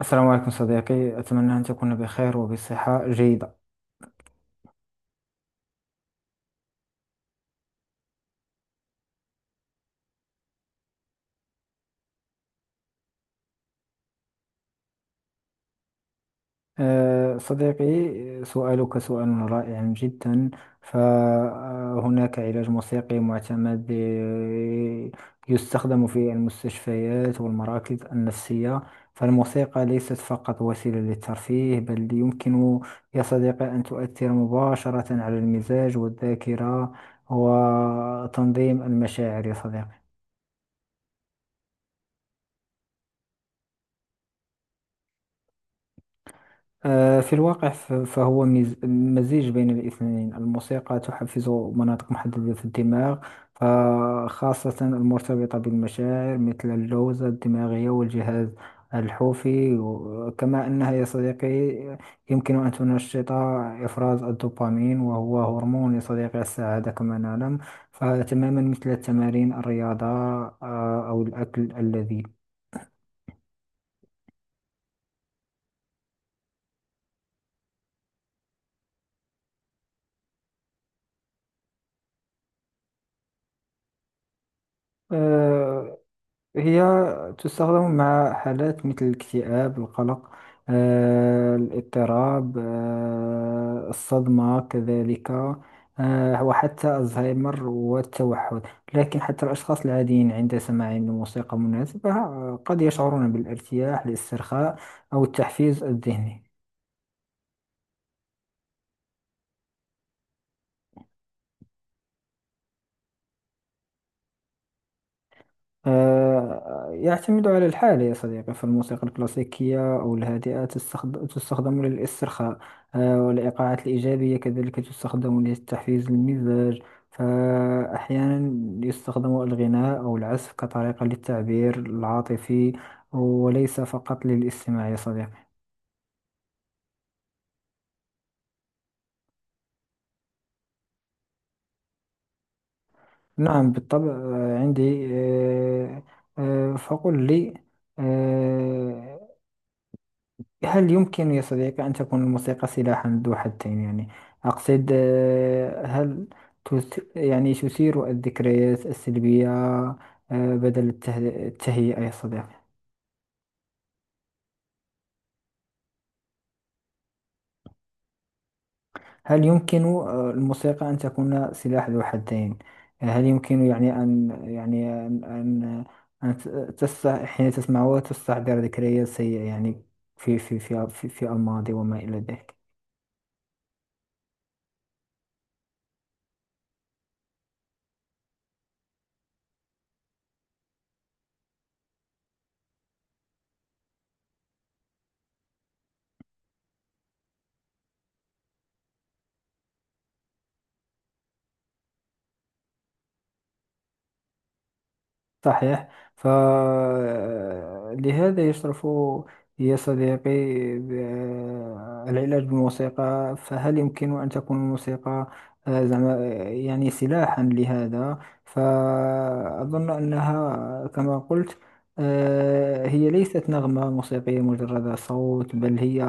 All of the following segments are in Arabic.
السلام عليكم صديقي، أتمنى أن تكون بخير وبصحة جيدة. صديقي، سؤالك سؤال رائع جدا. فهناك علاج موسيقي معتمد يستخدم في المستشفيات والمراكز النفسية. فالموسيقى ليست فقط وسيلة للترفيه، بل يمكن يا صديقي أن تؤثر مباشرة على المزاج والذاكرة وتنظيم المشاعر يا صديقي. في الواقع فهو مزيج بين الاثنين. الموسيقى تحفز مناطق محددة في الدماغ، فخاصة المرتبطة بالمشاعر مثل اللوزة الدماغية والجهاز الحوفي. كما أنها يا صديقي يمكن أن تنشط إفراز الدوبامين، وهو هرمون يا صديقي السعادة كما نعلم. فتماما مثل التمارين الرياضة، أو الأكل اللذيذ. هي تستخدم مع حالات مثل الاكتئاب، القلق، الاضطراب، الصدمة كذلك، وحتى الزهايمر والتوحد. لكن حتى الأشخاص العاديين عند سماعهم لموسيقى مناسبة قد يشعرون بالارتياح، الاسترخاء، أو التحفيز الذهني. يعتمد على الحالة يا صديقي. فالموسيقى الكلاسيكية أو الهادئة تستخدم للاسترخاء، والإيقاعات الإيجابية كذلك تستخدم لتحفيز المزاج. فأحيانا يستخدم الغناء أو العزف كطريقة للتعبير العاطفي، وليس فقط للاستماع يا صديقي. نعم بالطبع، آه، عندي آه، آه، فقل لي، آه، هل يمكن يا صديقي أن تكون الموسيقى سلاحا ذو حدين؟ يعني أقصد، هل تث... يعني تثير الذكريات السلبية بدل التهيئة يا صديقي؟ هل يمكن الموسيقى أن تكون سلاح ذو حدين؟ هل يمكن يعني أن حين تسمعه تستحضر ذكريات سيئة يعني في الماضي وما إلى ذلك. صحيح، فلهذا يشرف يا صديقي العلاج بالموسيقى. فهل يمكن أن تكون الموسيقى زعما يعني سلاحا لهذا؟ فأظن أنها كما قلت، هي ليست نغمة موسيقية مجرد صوت، بل هي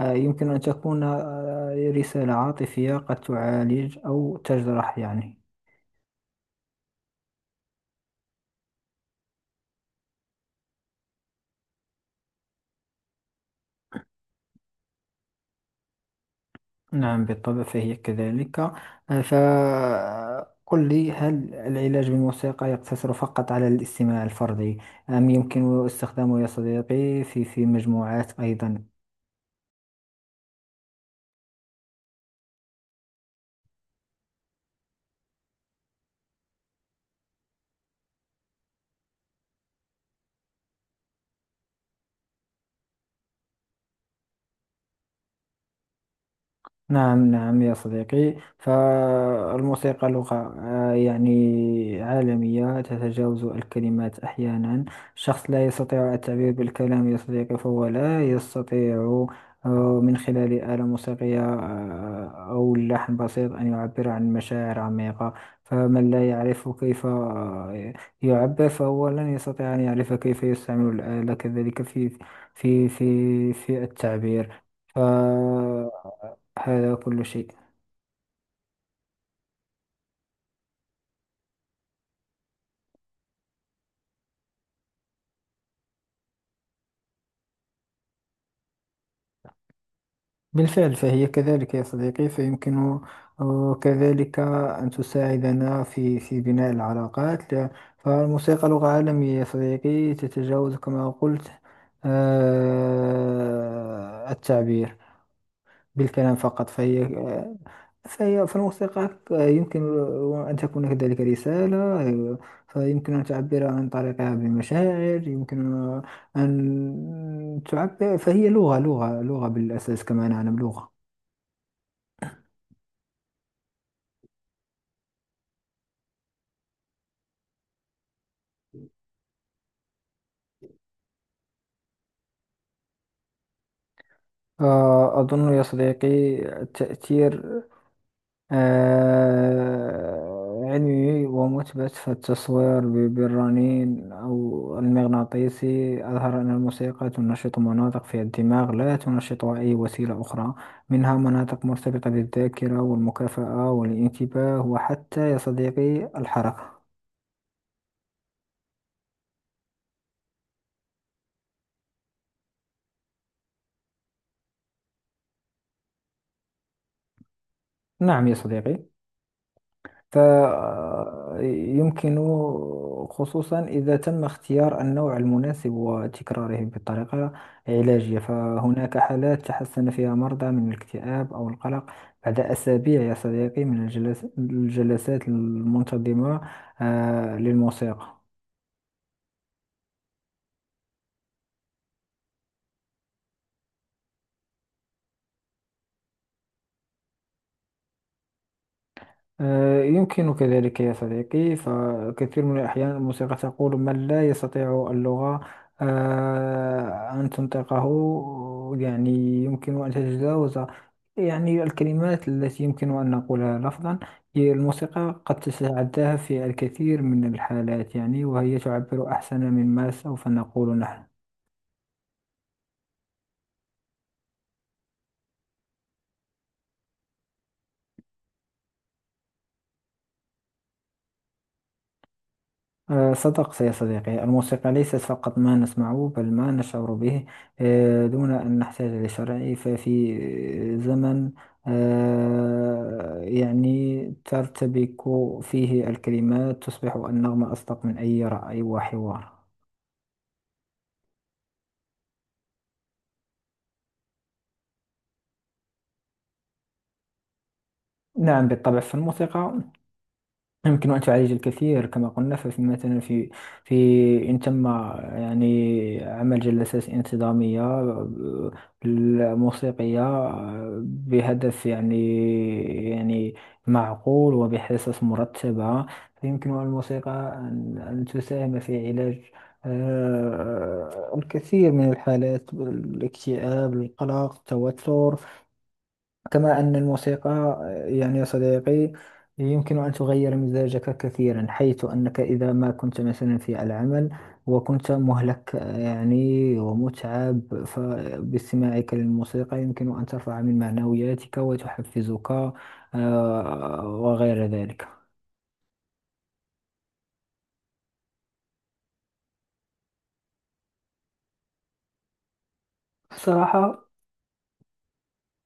يمكن أن تكون رسالة عاطفية قد تعالج أو تجرح يعني. نعم بالطبع فهي كذلك. فقل لي، هل العلاج بالموسيقى يقتصر فقط على الاستماع الفردي، أم يمكن استخدامه يا صديقي في مجموعات أيضا؟ نعم نعم يا صديقي، فالموسيقى لغة يعني عالمية تتجاوز الكلمات أحيانا. الشخص لا يستطيع التعبير بالكلام يا صديقي، فهو لا يستطيع من خلال آلة موسيقية أو لحن بسيط أن يعبر عن مشاعر عميقة. فمن لا يعرف كيف يعبر، فهو لن يستطيع أن يعرف كيف يستعمل الآلة كذلك في التعبير. ف هذا كل شيء. بالفعل فهي كذلك يا صديقي، فيمكن كذلك أن تساعدنا في بناء العلاقات. فالموسيقى لغة عالمية يا صديقي، تتجاوز كما قلت التعبير بالكلام فقط. فهي فهي فالموسيقى يمكن أن تكون كذلك رسالة، فيمكن أن تعبر عن طريقها بمشاعر، يمكن أن تعبر. فهي لغة بالأساس كما نعلم، لغة. أظن يا صديقي التأثير علمي ومثبت. فالتصوير بالرنين أو المغناطيسي أظهر أن الموسيقى تنشط مناطق في الدماغ لا تنشطها أي وسيلة أخرى، منها مناطق مرتبطة بالذاكرة والمكافأة والانتباه وحتى يا صديقي الحركة. نعم يا صديقي، فيمكن خصوصا إذا تم اختيار النوع المناسب وتكراره بطريقة علاجية. فهناك حالات تحسن فيها مرضى من الاكتئاب أو القلق بعد أسابيع يا صديقي من الجلسات المنتظمة للموسيقى. يمكنك ذلك يا صديقي، فكثير من الأحيان الموسيقى تقول من لا يستطيع اللغة أن تنطقه، يعني يمكن أن تتجاوز يعني الكلمات التي يمكن أن نقولها لفظا. هي الموسيقى قد تتعداها في الكثير من الحالات يعني، وهي تعبر أحسن مما سوف نقول نحن. صدقت يا صديقي، الموسيقى ليست فقط ما نسمعه، بل ما نشعر به دون أن نحتاج لشرع. ففي زمن يعني ترتبك فيه الكلمات، تصبح النغمة أصدق من أي رأي وحوار. نعم بالطبع، فالموسيقى يمكن أن تعالج الكثير كما قلنا. ففي مثلا في في إن تم يعني عمل جلسات انتظامية موسيقية بهدف يعني معقول وبحصص مرتبة، فيمكن الموسيقى أن تساهم في علاج الكثير من الحالات: الاكتئاب، القلق، التوتر. كما أن الموسيقى يعني يا صديقي يمكن أن تغير مزاجك كثيرا، حيث أنك إذا ما كنت مثلا في العمل وكنت مهلك يعني ومتعب، فباستماعك للموسيقى يمكن أن ترفع من معنوياتك وتحفزك وغير ذلك. صراحة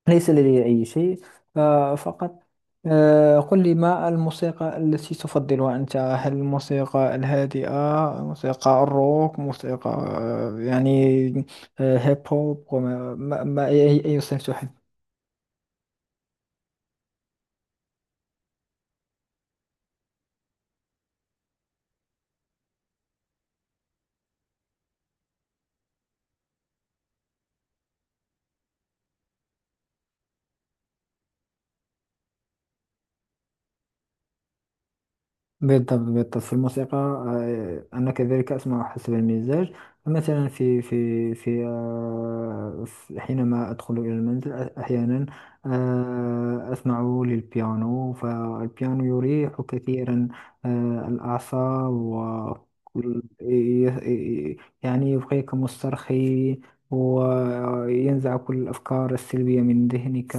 ليس لدي أي شيء، فقط قل لي، ما الموسيقى التي تفضلها أنت؟ هل الموسيقى الهادئة، موسيقى الروك، موسيقى يعني هيب هوب؟ وما ما ما- أي صنف تحب؟ بالضبط، بالضبط. في الموسيقى أنا كذلك أسمع حسب المزاج. فمثلا حينما أدخل إلى المنزل، أحيانا أسمع للبيانو، فالبيانو يريح كثيرا الأعصاب. و وال- ي- ي- يعني يبقيك مسترخي، وينزع كل الأفكار السلبية من ذهنك.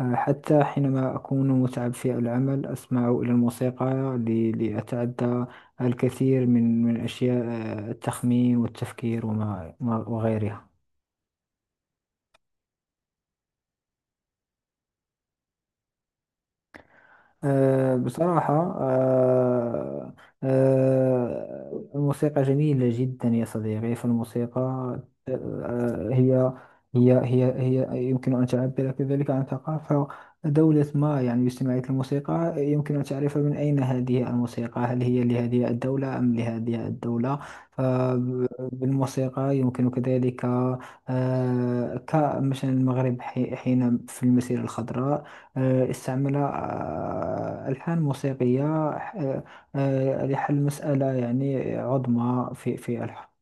حتى حينما أكون متعب في العمل أسمع إلى الموسيقى لأتعدى الكثير من أشياء التخمين والتفكير وما ما- وغيرها. أه بصراحة، أه، أه، الموسيقى جميلة جدا يا صديقي. فالموسيقى، أه، هي يمكن أن تعبر كذلك عن ثقافة دولة ما. يعني باستماعية الموسيقى يمكن أن تعرف من أين هذه الموسيقى، هل هي لهذه الدولة أم لهذه الدولة. فبالموسيقى يمكن كذلك، أه، كمثلا المغرب حين في المسيرة الخضراء استعمل ألحان موسيقية لحل مسألة يعني عظمى في الحرب